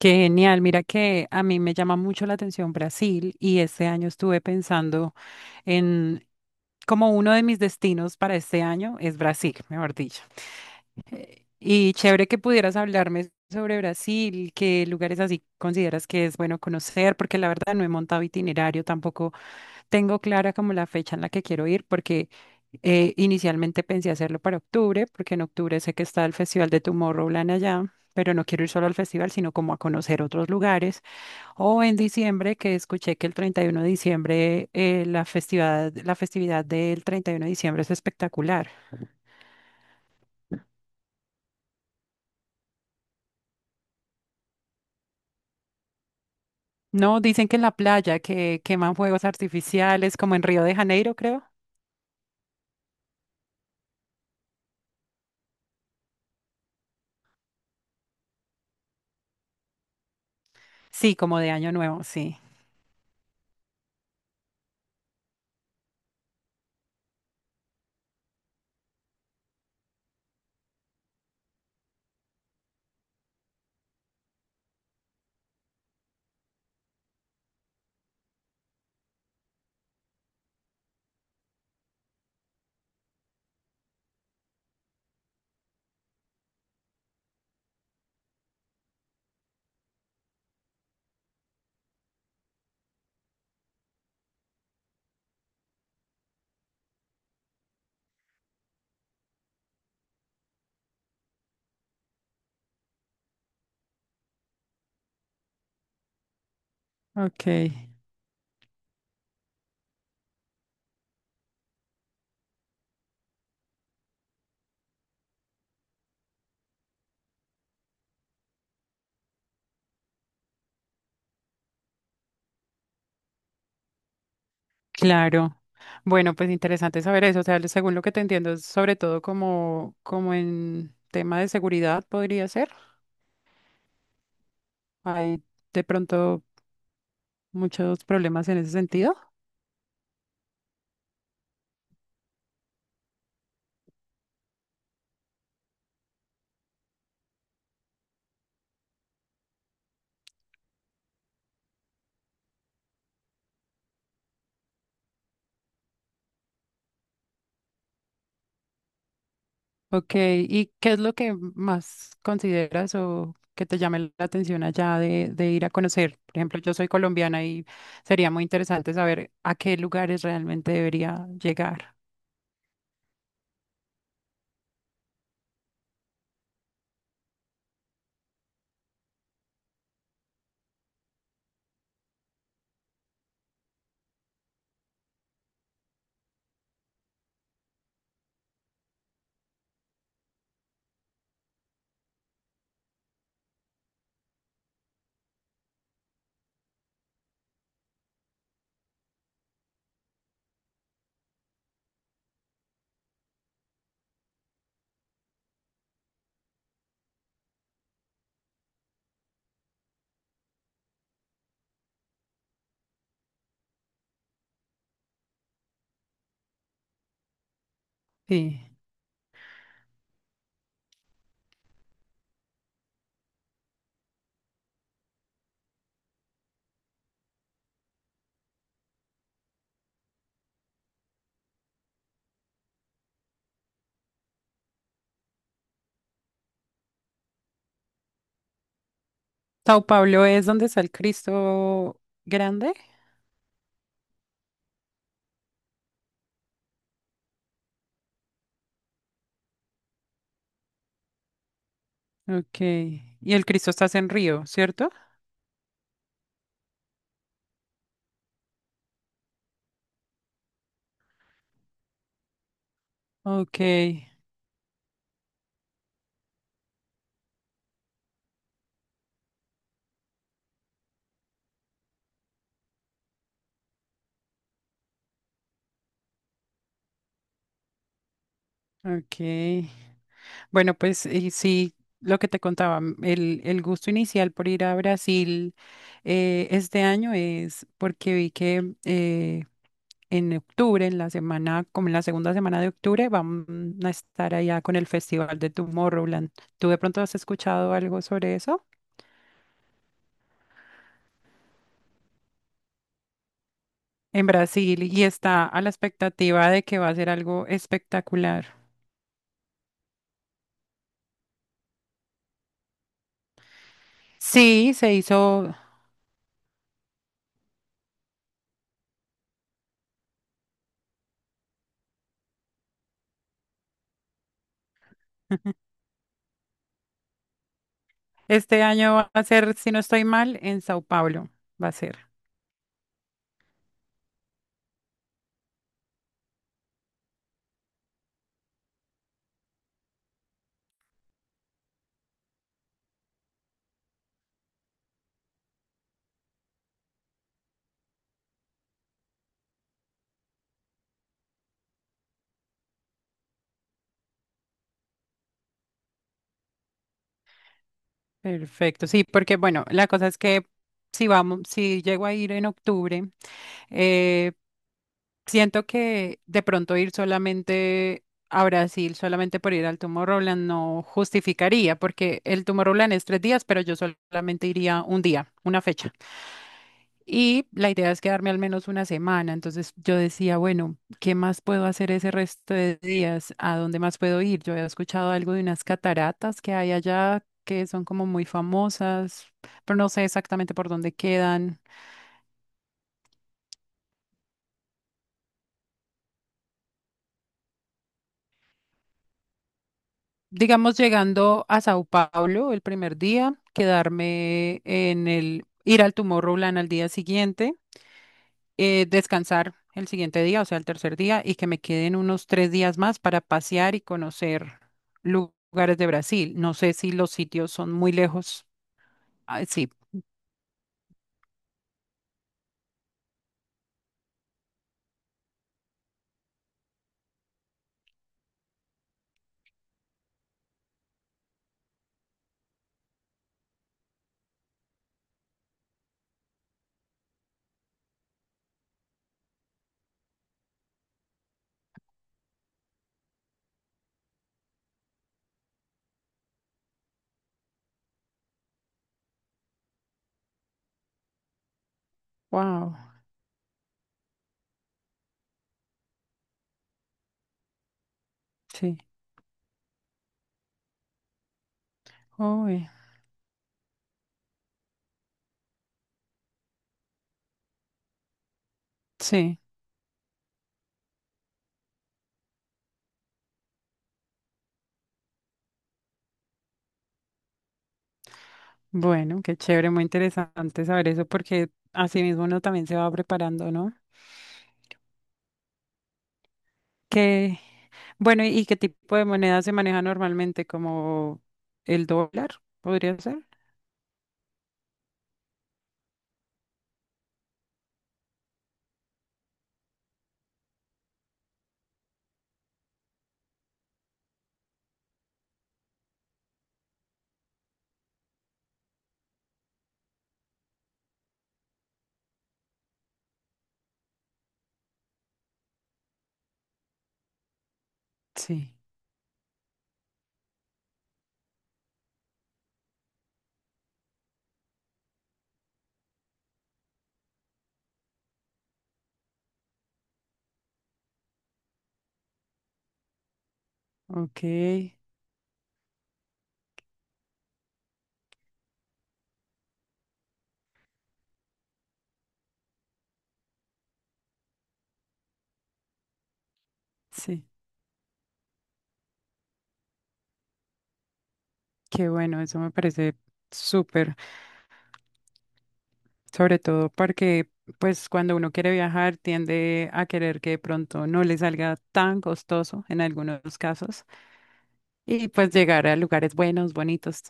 Qué genial, mira que a mí me llama mucho la atención Brasil y este año estuve pensando en como uno de mis destinos para este año es Brasil, mejor dicho. Y chévere que pudieras hablarme sobre Brasil, qué lugares así consideras que es bueno conocer, porque la verdad no he montado itinerario, tampoco tengo clara como la fecha en la que quiero ir, porque inicialmente pensé hacerlo para octubre, porque en octubre sé que está el Festival de Tomorrowland allá, pero no quiero ir solo al festival, sino como a conocer otros lugares. O en diciembre, que escuché que el 31 de diciembre, la festividad del 31 de diciembre es espectacular. No, dicen que en la playa, que queman fuegos artificiales, como en Río de Janeiro, creo. Sí, como de Año Nuevo, sí. Ok, claro. Bueno, pues interesante saber eso. O sea, según lo que te entiendo, es sobre todo como, como en tema de seguridad podría ser. Hay de pronto muchos problemas en ese sentido. Ok, ¿y qué es lo que más consideras o que te llame la atención allá de ir a conocer? Por ejemplo, yo soy colombiana y sería muy interesante saber a qué lugares realmente debería llegar. Sí. Sao Paulo es donde está el Cristo grande. Ok, y el Cristo está en Río, ¿cierto? Ok, ok. Bueno, pues sí, lo que te contaba, el gusto inicial por ir a Brasil este año es porque vi que en octubre, en la semana, como en la segunda semana de octubre, van a estar allá con el Festival de Tomorrowland. ¿Tú de pronto has escuchado algo sobre eso? En Brasil y está a la expectativa de que va a ser algo espectacular. Sí, se hizo, este año va a ser, si no estoy mal, en Sao Paulo, va a ser. Perfecto, sí, porque bueno, la cosa es que si vamos, si llego a ir en octubre, eh, siento que de pronto ir solamente a Brasil, solamente por ir al Tomorrowland, no justificaría, porque el Tomorrowland es 3 días, pero yo solamente iría un día, una fecha. Y la idea es quedarme al menos una semana. Entonces yo decía, bueno, ¿qué más puedo hacer ese resto de días? ¿A dónde más puedo ir? Yo había escuchado algo de unas cataratas que hay allá, que son como muy famosas, pero no sé exactamente por dónde quedan. Digamos, llegando a Sao Paulo el primer día, quedarme en el, ir al Tomorrowland al día siguiente descansar el siguiente día, o sea, el tercer día, y que me queden unos 3 días más para pasear y conocer lugares de Brasil. No sé si los sitios son muy lejos. Ay, sí, wow, sí, uy, sí. Bueno, qué chévere, muy interesante saber eso porque así mismo uno también se va preparando, ¿no? Que, bueno, ¿y qué tipo de moneda se maneja normalmente? ¿Como el dólar? ¿Podría ser? Sí, ok, sí. Qué bueno, eso me parece súper, sobre todo porque pues cuando uno quiere viajar tiende a querer que de pronto no le salga tan costoso en algunos casos y pues llegar a lugares buenos, bonitos,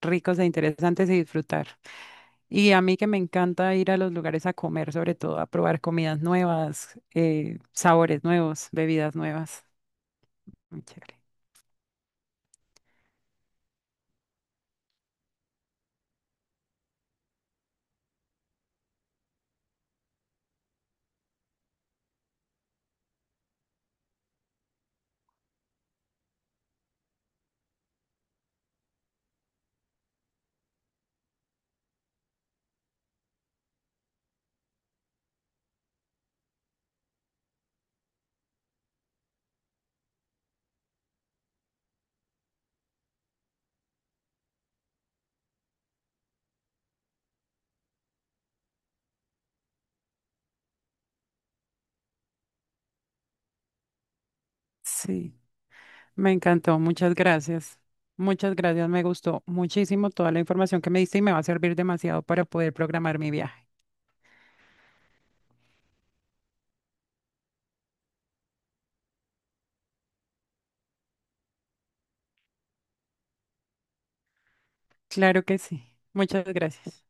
ricos e interesantes y disfrutar. Y a mí que me encanta ir a los lugares a comer, sobre todo a probar comidas nuevas, sabores nuevos, bebidas nuevas. Muy chévere. Sí. Me encantó, muchas gracias. Muchas gracias, me gustó muchísimo toda la información que me diste y me va a servir demasiado para poder programar mi viaje. Claro que sí. Muchas gracias.